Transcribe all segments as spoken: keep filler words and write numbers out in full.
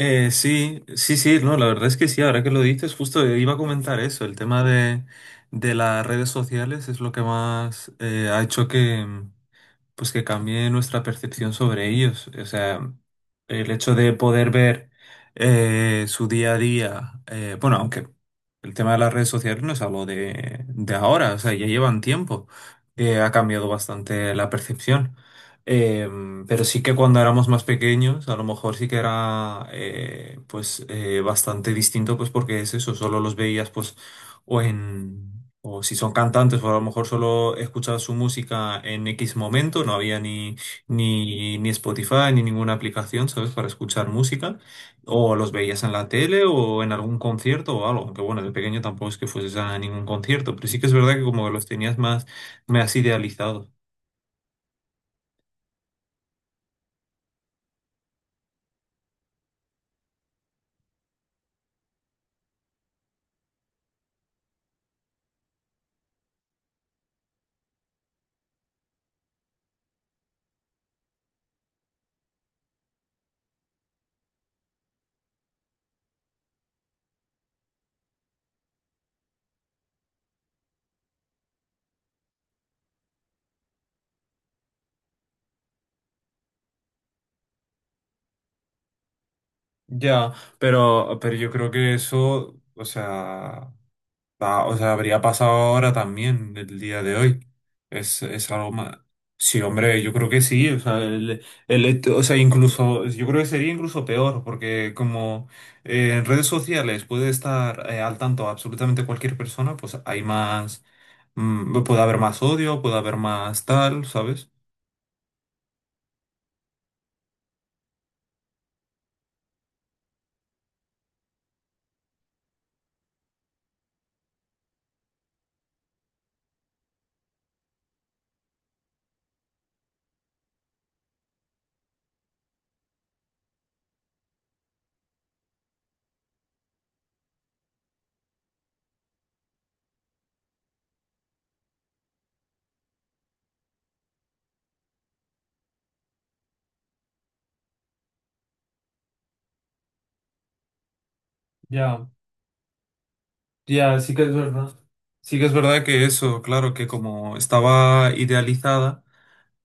Eh, sí, sí, sí, no, la verdad es que sí, ahora que lo dices, justo iba a comentar eso, el tema de, de las redes sociales es lo que más eh, ha hecho que, pues que cambie nuestra percepción sobre ellos. O sea, el hecho de poder ver eh, su día a día, eh, bueno, aunque el tema de las redes sociales no es algo de, de ahora, o sea, ya llevan tiempo, eh, ha cambiado bastante la percepción. Eh, pero sí que cuando éramos más pequeños, a lo mejor sí que era eh, pues eh, bastante distinto, pues porque es eso, solo los veías pues o en o si son cantantes, o a lo mejor solo escuchaba su música en X momento, no había ni, ni, ni Spotify ni ninguna aplicación, ¿sabes? Para escuchar música, o los veías en la tele o en algún concierto o algo, que bueno, de pequeño tampoco es que fueses a ningún concierto, pero sí que es verdad que como que los tenías más, más idealizados. Ya, pero, pero yo creo que eso, o sea... Ah, o sea, habría pasado ahora también, el día de hoy. Es, es algo más. Sí, hombre, yo creo que sí. O sea, el, el hecho- o sea, incluso, yo creo que sería incluso peor, porque como eh, en redes sociales puede estar eh, al tanto absolutamente cualquier persona, pues hay más, mm, puede haber más odio, puede haber más tal, ¿sabes? Ya, ya, sí que es verdad. Sí que es verdad que eso, claro, que como estaba idealizada.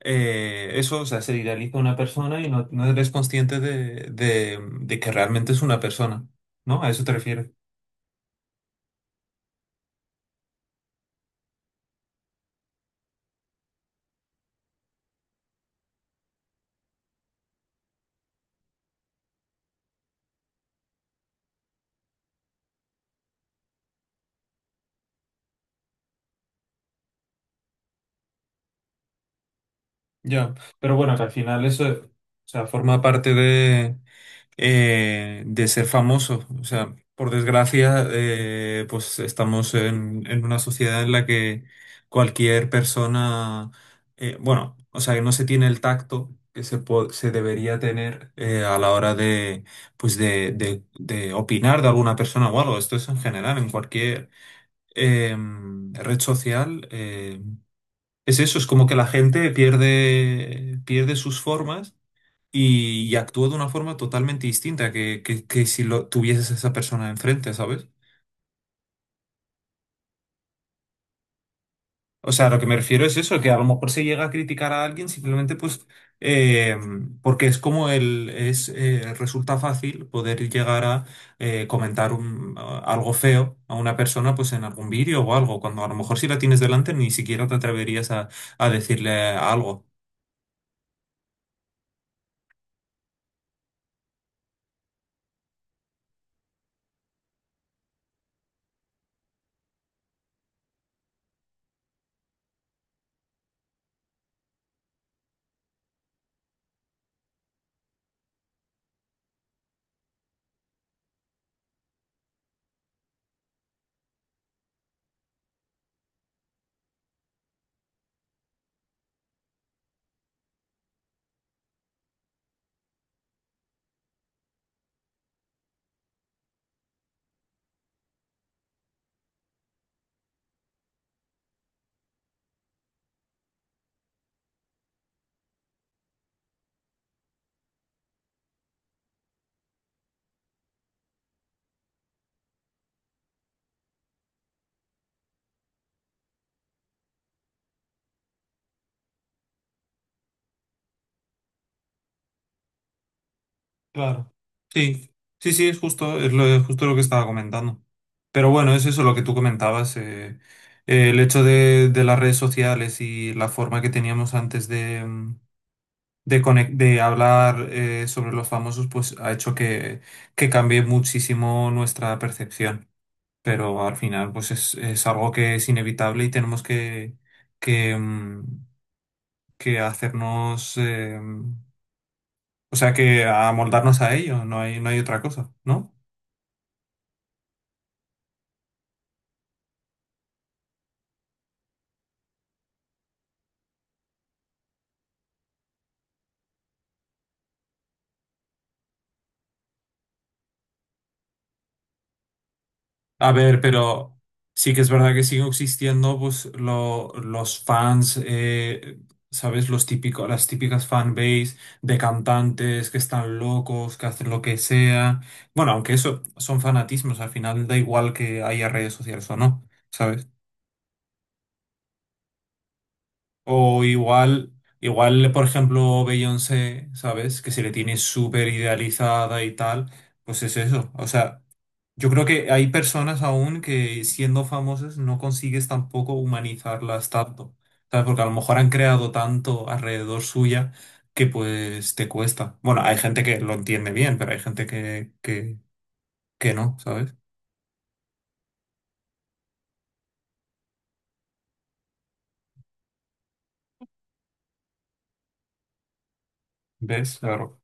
eh, Eso, o sea, se idealiza una persona y no, no eres consciente de, de, de que realmente es una persona, ¿no? ¿A eso te refieres? Ya, pero bueno, que al final eso, o sea, forma parte de, eh, de ser famoso. O sea, por desgracia, eh, pues estamos en, en una sociedad en la que cualquier persona, eh, bueno, o sea, que no se tiene el tacto que se, po- se debería tener eh, a la hora de, pues de, de, de opinar de alguna persona o algo. Esto es en general, en cualquier em, red social. Eh, es eso, es como que la gente pierde, pierde sus formas y, y actúa de una forma totalmente distinta que, que- que si lo tuvieses a esa persona enfrente, ¿sabes? O sea, lo que me refiero es eso, que a lo mejor se llega a criticar a alguien simplemente pues eh, porque es como el, es, eh, resulta fácil poder llegar a eh, comentar un- a- algo feo a una persona pues en algún vídeo o algo, cuando a lo mejor si la tienes delante ni siquiera te atreverías a, a decirle algo. Claro. Sí, sí, sí, es justo, es lo, es justo lo que estaba comentando. Pero bueno, es eso lo que tú comentabas. Eh, eh, el hecho de, de las redes sociales y la forma que teníamos antes de, mm, de, conec- de hablar eh, sobre los famosos, pues ha hecho que, que cambie muchísimo nuestra percepción. Pero al final, pues es, es algo que es inevitable y tenemos que, que, mm, que hacernos, eh, o sea, que amoldarnos a ello. No hay, no hay otra cosa, ¿no? A ver, pero sí que es verdad que siguen existiendo pues lo- los fans, eh, ¿sabes? Los típicos, las típicas fanbase de cantantes que están locos, que hacen lo que sea. Bueno, aunque eso son fanatismos, al final da igual que haya redes sociales o no, ¿sabes? O igual, igual, por ejemplo, Beyoncé, ¿sabes? Que se le tiene súper idealizada y tal, pues es eso. O sea, yo creo que hay personas aún que siendo famosas no consigues tampoco humanizarlas tanto, ¿sabes? Porque a lo mejor han creado tanto alrededor suya que pues te cuesta. Bueno, hay gente que lo entiende bien, pero hay gente que, que, que no, ¿sabes? ¿Ves? Claro.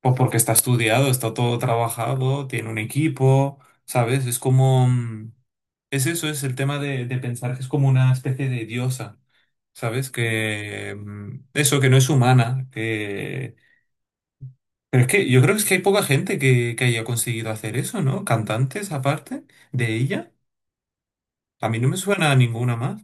Pues porque está estudiado, está todo trabajado, tiene un equipo, ¿sabes? Es como... mm, es eso, es el tema de, de pensar que es como una especie de diosa, ¿sabes? Que mm, eso, que no es humana, que... Pero es que yo creo que es que hay poca gente que, que haya conseguido hacer eso, ¿no? Cantantes aparte de ella. A mí no me suena a ninguna más.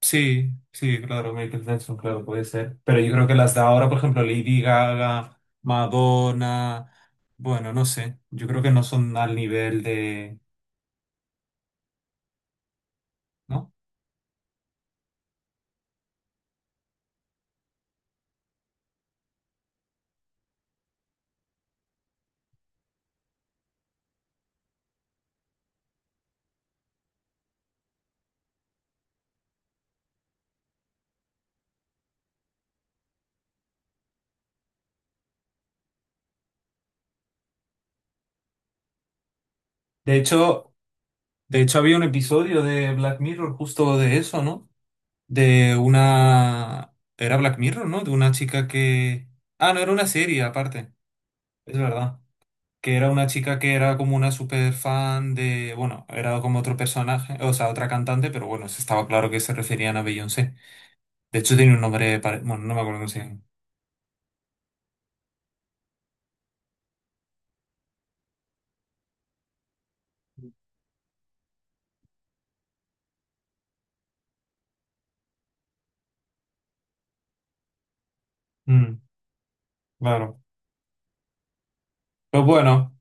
Sí, sí, claro, Michael Jackson, claro, puede ser. Pero yo creo que las de ahora, por ejemplo, Lady Gaga, Madonna, bueno, no sé, yo creo que no son al nivel de... ¿no? De hecho, De hecho, había un episodio de Black Mirror justo de eso, ¿no? De una... Era Black Mirror, ¿no? De una chica que... Ah, no, era una serie aparte, es verdad. Que era una chica que era como una super fan de... Bueno, era como otro personaje, o sea, otra cantante, pero bueno, se estaba claro que se referían a Beyoncé. De hecho, tiene un nombre... pare- Bueno, no me acuerdo cómo se llama. Mm, claro. Pues bueno.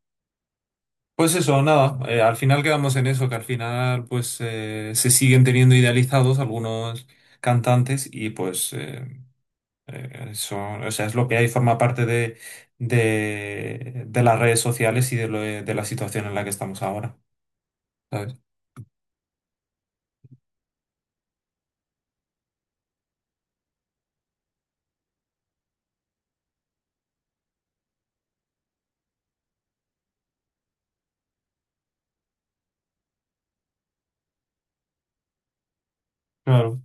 Pues eso, nada, eh, al final quedamos en eso, que al final pues eh, se siguen teniendo idealizados algunos cantantes y pues eh, eh, eso, o sea, es lo que hay, forma parte de, de, de las redes sociales y de, lo- de la situación en la que estamos ahora, ¿sabes? Claro.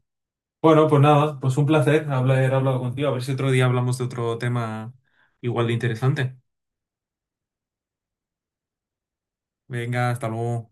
Bueno, pues nada, pues un placer haber hablado contigo, a ver si otro día hablamos de otro tema igual de interesante. Venga, hasta luego.